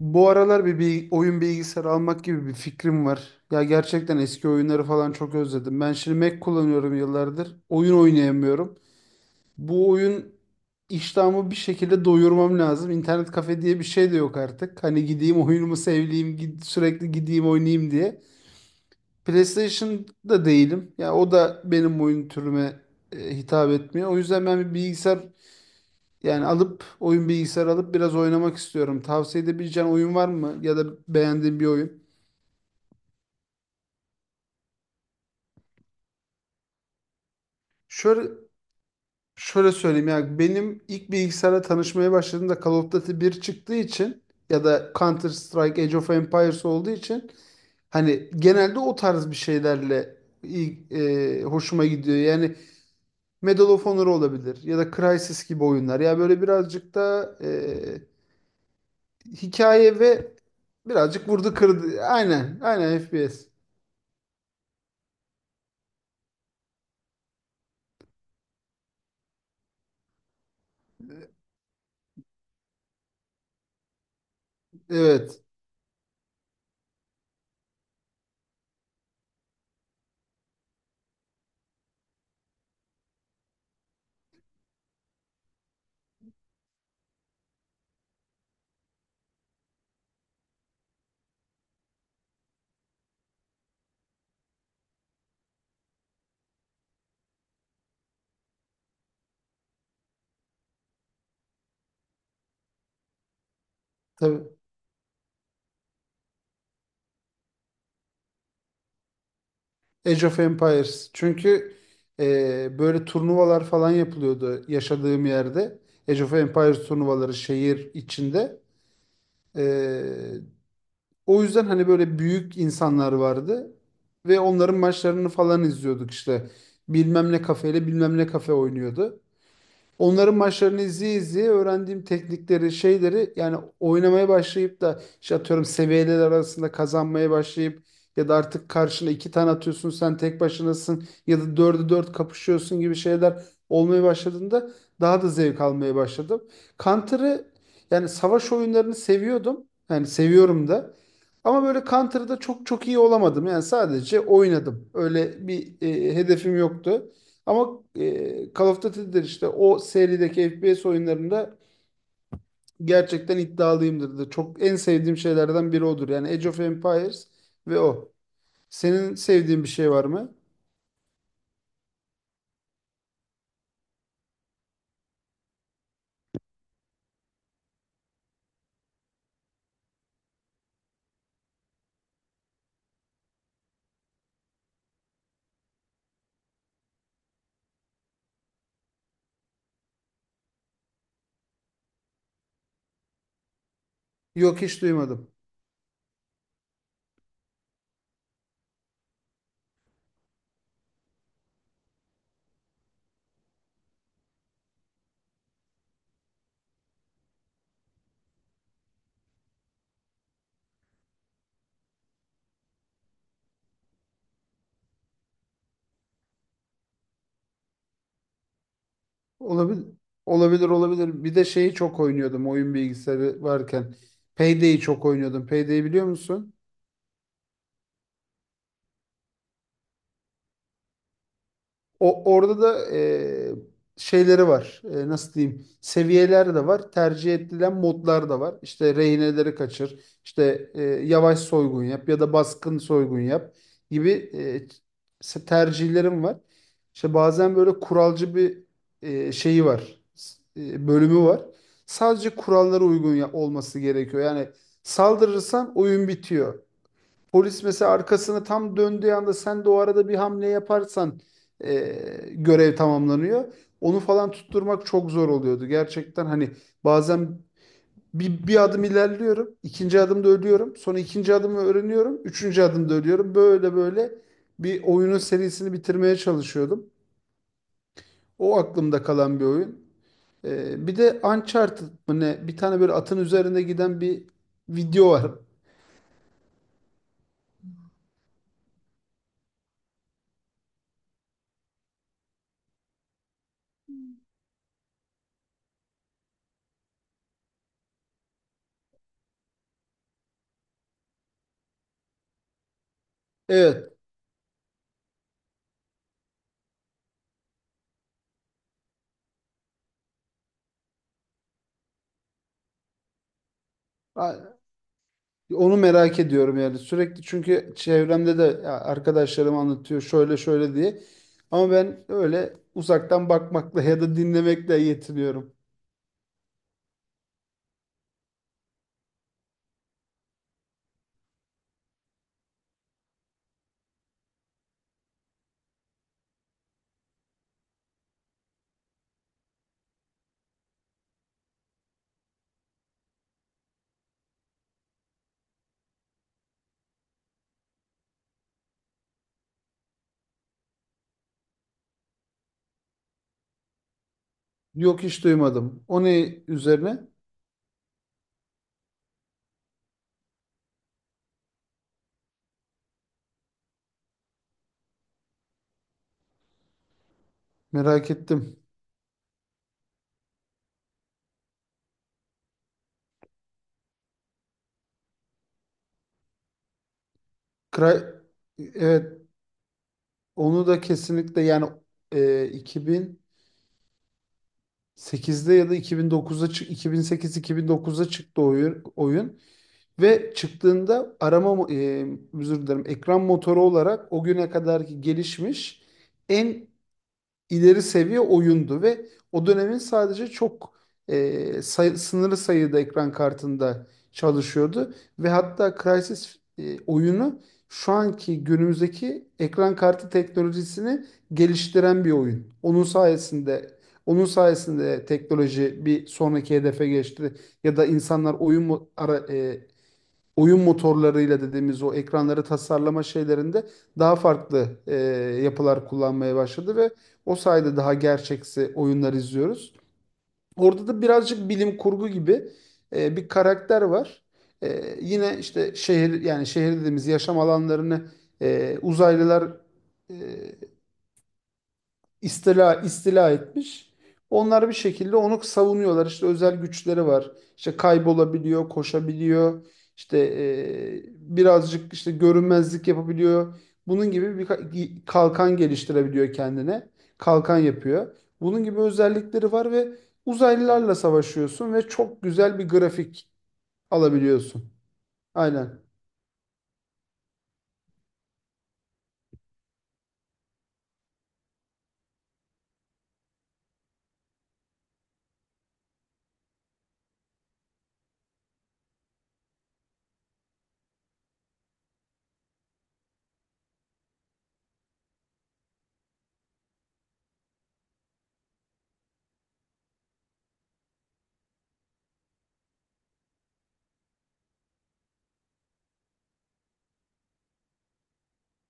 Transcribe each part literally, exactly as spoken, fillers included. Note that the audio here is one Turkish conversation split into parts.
Bu aralar bir, bir oyun bilgisayarı almak gibi bir fikrim var. Ya gerçekten eski oyunları falan çok özledim. Ben şimdi Mac kullanıyorum yıllardır. Oyun oynayamıyorum. Bu oyun iştahımı bir şekilde doyurmam lazım. İnternet kafe diye bir şey de yok artık. Hani gideyim oyunumu sevleyeyim, gid- sürekli gideyim oynayayım diye. PlayStation'da değilim. Ya o da benim oyun türüme e, hitap etmiyor. O yüzden ben bir bilgisayar yani alıp oyun bilgisayarı alıp biraz oynamak istiyorum. Tavsiye edebileceğin oyun var mı? Ya da beğendiğin bir oyun. Şöyle şöyle söyleyeyim ya, benim ilk bilgisayara tanışmaya başladığımda Call of Duty bir çıktığı için ya da Counter Strike, Age of Empires olduğu için hani genelde o tarz bir şeylerle ilk, e, hoşuma gidiyor. Yani Medal of Honor olabilir ya da Crysis gibi oyunlar. Ya böyle birazcık da e, hikaye ve birazcık vurdu kırdı. Aynen, aynen F P S. Evet. Tabii. Age of Empires. Çünkü e, böyle turnuvalar falan yapılıyordu yaşadığım yerde. Age of Empires turnuvaları şehir içinde. E, O yüzden hani böyle büyük insanlar vardı ve onların maçlarını falan izliyorduk işte. Bilmem ne kafeyle bilmem ne kafe oynuyordu. Onların maçlarını izleye izleye öğrendiğim teknikleri, şeyleri, yani oynamaya başlayıp da işte atıyorum seviyeler arasında kazanmaya başlayıp ya da artık karşına iki tane atıyorsun sen tek başınasın ya da dördü dört kapışıyorsun gibi şeyler olmaya başladığında daha da zevk almaya başladım. Counter'ı, yani savaş oyunlarını seviyordum. Yani seviyorum da. Ama böyle Counter'da çok çok iyi olamadım. Yani sadece oynadım. Öyle bir e, hedefim yoktu. Ama e, Call of Duty'dir işte, o serideki F P S oyunlarında gerçekten iddialıyımdır da. Çok, en sevdiğim şeylerden biri odur. Yani Age of Empires ve o. Senin sevdiğin bir şey var mı? Yok, hiç duymadım. Olabilir. Olabilir, olabilir. Bir de şeyi çok oynuyordum oyun bilgisayarı varken. Payday'i çok oynuyordum. Payday'i biliyor musun? O, orada da e, şeyleri var. E, nasıl diyeyim? Seviyeler de var. Tercih edilen modlar da var. İşte rehineleri kaçır. İşte e, yavaş soygun yap ya da baskın soygun yap gibi e, se- tercihlerim var. İşte bazen böyle kuralcı bir e, şeyi var. S- e, bölümü var. Sadece kurallara uygun ya- olması gerekiyor. Yani saldırırsan oyun bitiyor. Polis mesela arkasını tam döndüğü anda sen de o arada bir hamle yaparsan e, görev tamamlanıyor. Onu falan tutturmak çok zor oluyordu. Gerçekten hani bazen bir, bir adım ilerliyorum, ikinci adımda ölüyorum, sonra ikinci adımı öğreniyorum, üçüncü adımda ölüyorum. Böyle böyle bir oyunun serisini bitirmeye çalışıyordum. O aklımda kalan bir oyun. E, bir de Uncharted mı ne? Bir tane böyle atın üzerinde giden bir video var. Evet. Onu merak ediyorum yani sürekli, çünkü çevremde de ya arkadaşlarım anlatıyor şöyle şöyle diye. Ama ben öyle uzaktan bakmakla ya da dinlemekle yetiniyorum. Yok, hiç duymadım. O ne üzerine? Merak ettim. Kray, evet, onu da kesinlikle yani e, iki bin sekizde ya da iki bin dokuzda çı- iki bin sekiz iki bin dokuzda çıktı oyun, oyun. Ve çıktığında arama, e, özür dilerim, ekran motoru olarak o güne kadarki gelişmiş en ileri seviye oyundu ve o dönemin sadece çok e, say- sınırlı sayıda ekran kartında çalışıyordu ve hatta Crysis e, oyunu şu anki günümüzdeki ekran kartı teknolojisini geliştiren bir oyun. Onun sayesinde onun sayesinde teknoloji bir sonraki hedefe geçti ya da insanlar oyun mu- ara, e, oyun motorlarıyla dediğimiz o ekranları tasarlama şeylerinde daha farklı e, yapılar kullanmaya başladı ve o sayede daha gerçeksi oyunlar izliyoruz. Orada da birazcık bilim kurgu gibi e, bir karakter var. E, yine işte şehir, yani şehir dediğimiz yaşam alanlarını, e, uzaylılar e, istila istila etmiş. Onlar bir şekilde onu savunuyorlar. İşte özel güçleri var. İşte kaybolabiliyor, koşabiliyor. İşte e, birazcık işte görünmezlik yapabiliyor. Bunun gibi bir ka- kalkan geliştirebiliyor kendine. Kalkan yapıyor. Bunun gibi özellikleri var ve uzaylılarla savaşıyorsun ve çok güzel bir grafik alabiliyorsun. Aynen.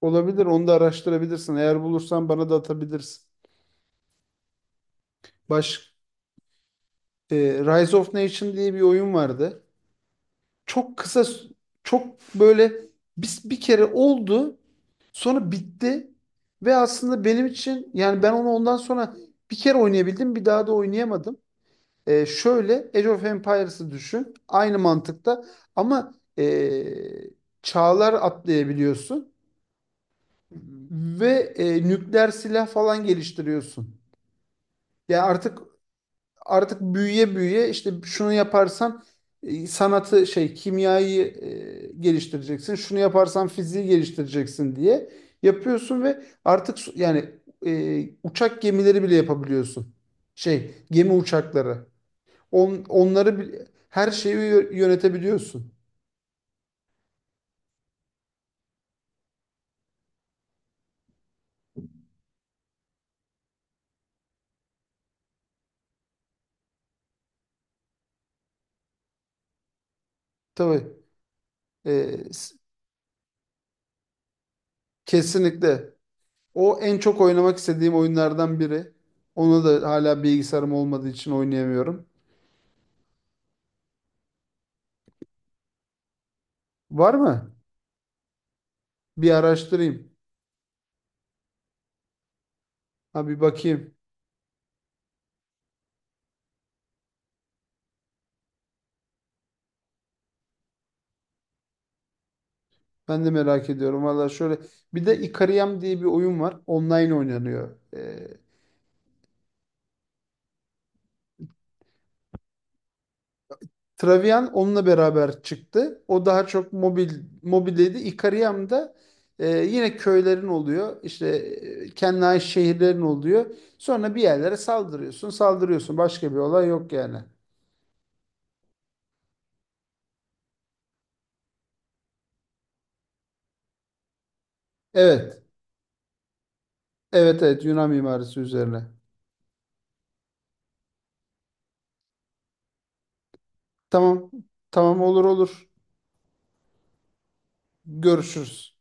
Olabilir. Onu da araştırabilirsin. Eğer bulursan bana da atabilirsin. Baş, e, Rise of Nation diye bir oyun vardı. Çok kısa, çok böyle bir, bir kere oldu, sonra bitti ve aslında benim için yani ben onu ondan sonra bir kere oynayabildim, bir daha da oynayamadım. Ee, şöyle Age of Empires'ı düşün aynı mantıkta, ama ee, çağlar atlayabiliyorsun ve e, nükleer silah falan geliştiriyorsun. Ya artık, artık büyüye büyüye işte şunu yaparsan e, sanatı, şey, kimyayı e, geliştireceksin. Şunu yaparsan fiziği geliştireceksin diye yapıyorsun ve artık su- yani e, uçak gemileri bile yapabiliyorsun. Şey, gemi uçakları. On, onları bi- her şeyi yö- yönetebiliyorsun. Tabii. e, s- Kesinlikle. O en çok oynamak istediğim oyunlardan biri. Onu da hala bilgisayarım olmadığı için oynayamıyorum. Var mı? Bir araştırayım. Ha, bir bakayım. Ben de merak ediyorum. Valla şöyle. Bir de Ikariam diye bir oyun var. Online oynanıyor. Ee, Travian onunla beraber çıktı. O daha çok mobil mobildeydi. Ikariam da e, yine köylerin oluyor. İşte e, kendine ait şehirlerin oluyor. Sonra bir yerlere saldırıyorsun. Saldırıyorsun. Başka bir olay yok yani. Evet. Evet, evet, Yunan mimarisi üzerine. Tamam. Tamam, olur, olur. Görüşürüz.